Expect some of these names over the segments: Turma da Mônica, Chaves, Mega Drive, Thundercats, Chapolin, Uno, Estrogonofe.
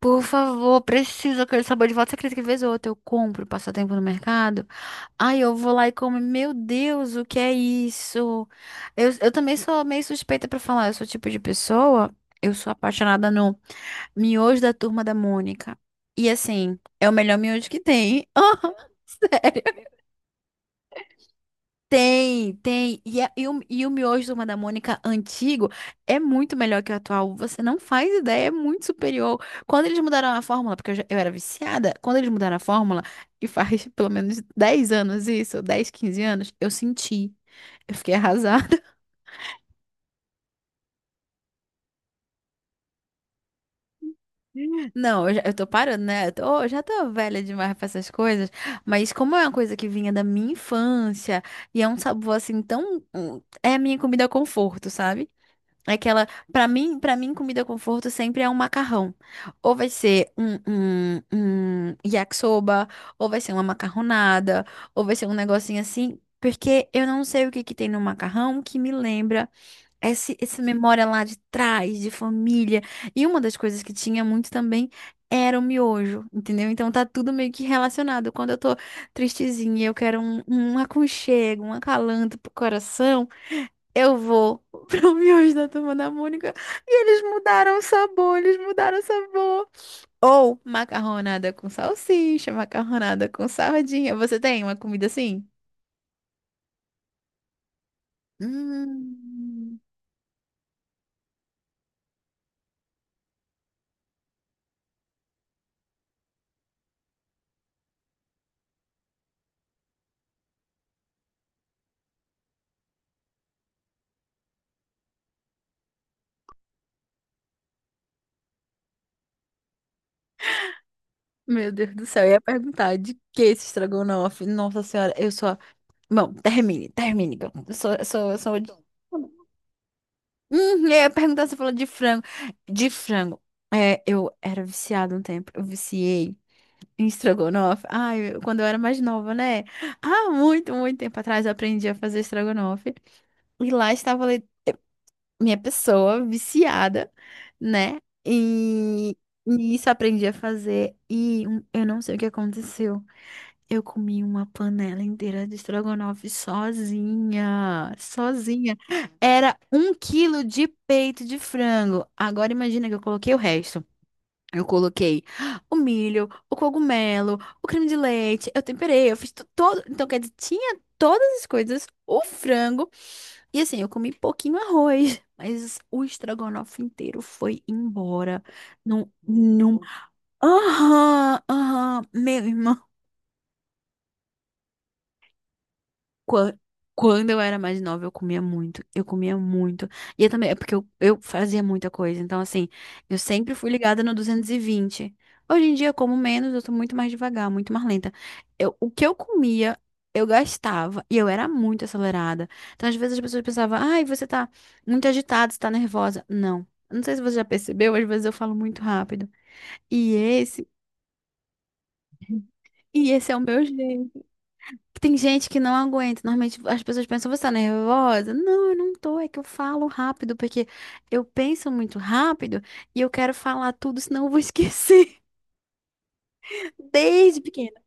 Por favor, preciso aquele sabor de volta. Você acredita que vez ou outra eu compro passatempo no mercado? Ai, eu vou lá e como. Meu Deus, o que é isso? Eu também sou meio suspeita pra falar. Eu sou o tipo de pessoa. Eu sou apaixonada no miojo da Turma da Mônica. E assim, é o melhor miojo que tem. Sério. Tem, tem. E o miojo do Turma da Mônica antigo é muito melhor que o atual. Você não faz ideia, é muito superior. Quando eles mudaram a fórmula, porque eu era viciada, quando eles mudaram a fórmula, e faz pelo menos 10 anos isso, 10, 15 anos, eu senti. Eu fiquei arrasada. Não, eu, já, eu tô parando, né? Eu já tô velha demais pra essas coisas. Mas como é uma coisa que vinha da minha infância, e é um sabor assim tão, é a minha comida conforto, sabe? Aquela, para mim, comida conforto sempre é um macarrão. Ou vai ser um, um, um yakisoba, ou vai ser uma macarronada, ou vai ser um negocinho assim, porque eu não sei o que que tem no macarrão que me lembra essa memória lá de trás, de família. E uma das coisas que tinha muito também era o miojo, entendeu? Então tá tudo meio que relacionado. Quando eu tô tristezinha, eu quero um aconchego, um acalanto pro coração. Eu vou pro miojo da Turma da Mônica. E eles mudaram o sabor, eles mudaram o sabor. Ou macarronada com salsicha, macarronada com sardinha. Você tem uma comida assim? Hum, Meu Deus do céu, eu ia perguntar de que esse estrogonofe? Nossa senhora, eu só. Bom, termine, termine. Que eu sou... Eu ia perguntar, você falou de frango. De frango. É, eu era viciada um tempo. Eu viciei. Em estrogonofe. Ai, quando eu era mais nova, né? Há muito, muito tempo atrás eu aprendi a fazer estrogonofe. E lá estava minha pessoa viciada, né? E, e isso eu aprendi a fazer. E eu não sei o que aconteceu. Eu comi uma panela inteira de estrogonofe sozinha. Sozinha. Era um quilo de peito de frango. Agora imagina que eu coloquei o resto. Eu coloquei o milho, o cogumelo, o creme de leite, eu temperei, eu fiz todo. Então, quer dizer, tinha todas as coisas, o frango. E assim, eu comi pouquinho arroz, mas o estrogonofe inteiro foi embora. Num, num... Aham, aham, meu irmão. Qua- Quando eu era mais nova, eu comia muito. Eu comia muito. E eu também, é porque eu fazia muita coisa. Então, assim, eu sempre fui ligada no 220. Hoje em dia, eu como menos, eu sou muito mais devagar, muito mais lenta. Eu, o que eu comia, eu gastava. E eu era muito acelerada. Então, às vezes, as pessoas pensavam, ai, você tá muito agitada, você tá nervosa. Não. Não sei se você já percebeu, às vezes eu falo muito rápido. E esse, e esse é o meu jeito. Tem gente que não aguenta. Normalmente as pessoas pensam, você tá nervosa? Não, eu não tô. É que eu falo rápido, porque eu penso muito rápido e eu quero falar tudo, senão eu vou esquecer. Desde pequena.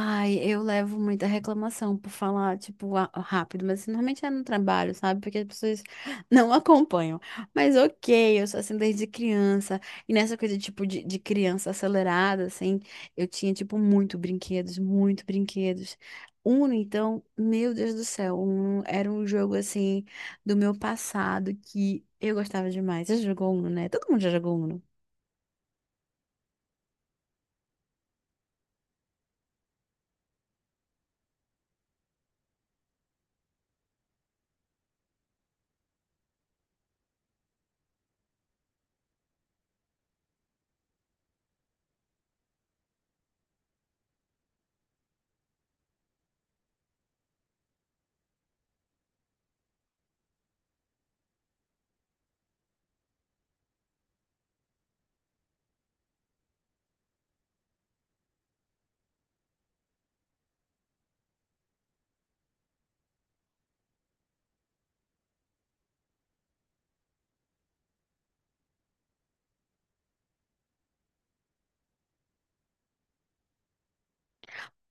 Ai, eu levo muita reclamação por falar, tipo, rápido, mas assim, normalmente é no trabalho, sabe? Porque as pessoas não acompanham. Mas ok, eu sou assim desde criança. E nessa coisa, tipo, de criança acelerada, assim, eu tinha, tipo, muito brinquedos, muito brinquedos. Uno, então, meu Deus do céu, Uno era um jogo, assim, do meu passado que eu gostava demais. Você jogou Uno, né? Todo mundo já jogou Uno.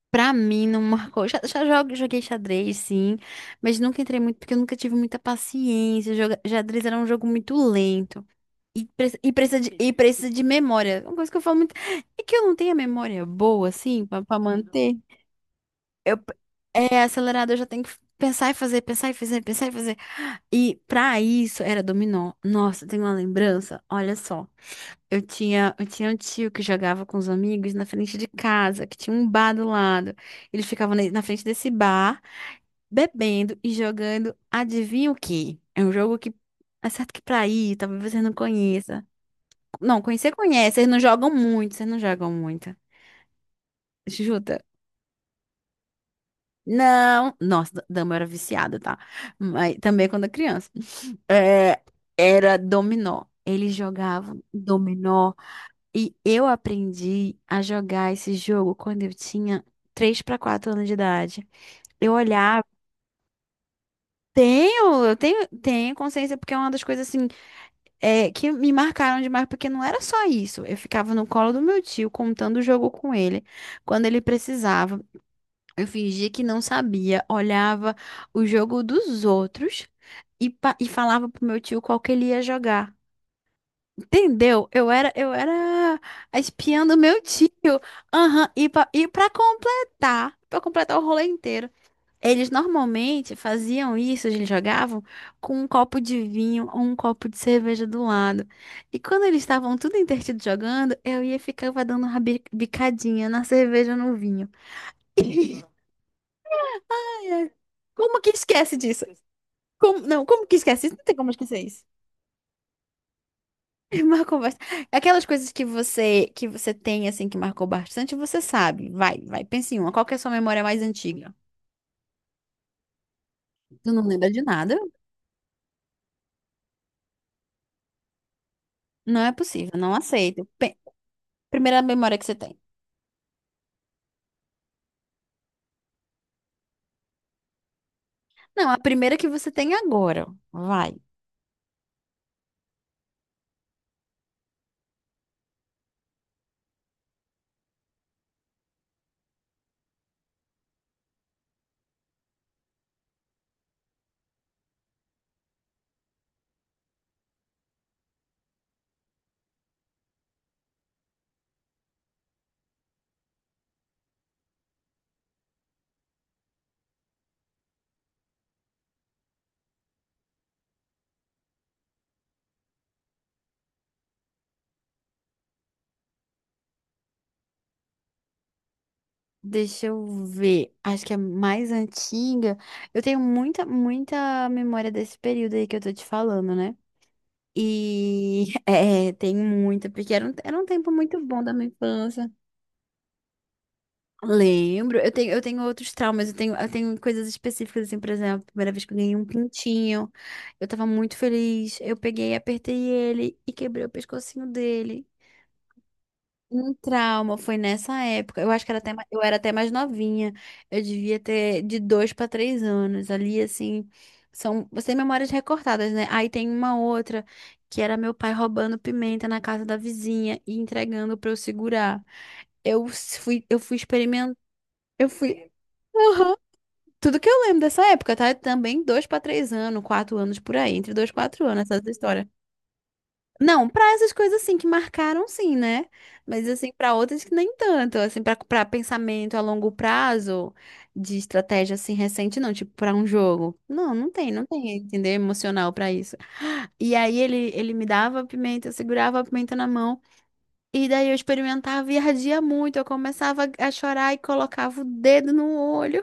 Pra mim não marcou. Já joguei xadrez, sim, mas nunca entrei muito porque eu nunca tive muita paciência. Xadrez era um jogo muito lento e precisa de memória. É uma coisa que eu falo muito é que eu não tenho a memória boa, assim, pra manter. Eu, é acelerado, eu já tenho que pensar e fazer, pensar e fazer, pensar e fazer. E pra isso era dominó. Nossa, tem uma lembrança, olha só. Eu tinha um tio que jogava com os amigos na frente de casa, que tinha um bar do lado. Ele ficava na frente desse bar, bebendo e jogando, adivinha o quê? É um jogo que é certo que pra ir, talvez você não conheça. Não, conhecer conhece, eles não jogam muito, vocês não jogam muito. Chuta. Não, nossa, dama eu era viciada, tá? Mas também quando criança. É, era dominó. Eles jogavam dominó. E eu aprendi a jogar esse jogo quando eu tinha 3 a 4 anos de idade. Eu olhava. Tenho consciência, porque é uma das coisas assim, é, que me marcaram demais, porque não era só isso. Eu ficava no colo do meu tio, contando o jogo com ele, quando ele precisava. Eu fingia que não sabia, olhava o jogo dos outros e falava pro meu tio qual que ele ia jogar. Entendeu? Eu era a espiã do meu tio. Aham, pra completar o rolê inteiro, eles normalmente faziam isso, eles jogavam com um copo de vinho ou um copo de cerveja do lado. E quando eles estavam tudo entretido jogando, eu ia e ficava dando uma bicadinha na cerveja ou no vinho. Ai, ai. Como que esquece disso? Como, não, como que esquece isso? Não tem como esquecer isso. Marcou bastante. Aquelas coisas que você tem assim que marcou bastante, você sabe. Vai, vai, pense em uma. Qual que é a sua memória mais antiga? Tu não lembra de nada? Não é possível, não aceito. Primeira memória que você tem. Não, a primeira que você tem agora. Vai. Deixa eu ver. Acho que é mais antiga. Eu tenho muita, muita memória desse período aí que eu tô te falando, né? E é, tenho muita, porque era um tempo muito bom da minha infância. Lembro, eu tenho outros traumas, eu tenho coisas específicas, assim, por exemplo, a primeira vez que eu ganhei um pintinho, eu tava muito feliz, eu peguei, apertei ele e quebrei o pescocinho dele. Um trauma, foi nessa época, eu acho que era até, eu era até mais novinha, eu devia ter de 2 a 3 anos, ali, assim, são memórias recortadas, né? Aí tem uma outra, que era meu pai roubando pimenta na casa da vizinha e entregando pra eu segurar. Eu s- fui, eu fui eu fui. Aham. Tudo que eu lembro dessa época, tá? É também 2 a 3 anos, 4 anos por aí, entre 2 e 4 anos, essas histórias. Não, pra essas coisas assim que marcaram, sim, né? Mas assim, pra outras que nem tanto, assim, pra para pensamento a longo prazo de estratégia assim recente, não, tipo pra um jogo. Não, não tem, entender emocional pra isso. E aí ele me dava a pimenta, eu segurava a pimenta na mão, e daí eu experimentava e ardia muito, eu começava a chorar e colocava o dedo no olho.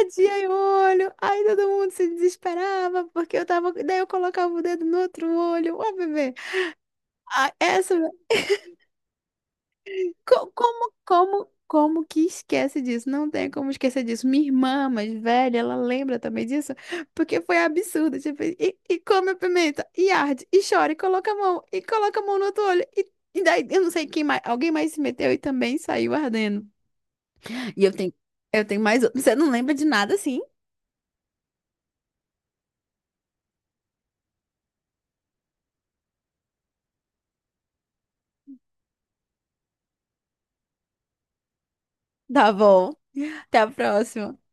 Ardia o olho, aí todo mundo se desesperava, porque eu tava. Daí eu colocava o dedo no outro olho, ó, bebê. Ah, essa. Como que esquece disso? Não tem como esquecer disso. Minha irmã mais velha, ela lembra também disso, porque foi absurdo. Tipo, e come a pimenta, e arde, e chora, e coloca a mão, e coloca a mão no outro olho. E daí, eu não sei quem mais. Alguém mais se meteu e também saiu ardendo. E eu tenho mais outro. Você não lembra de nada assim? Tá bom. Até a próxima.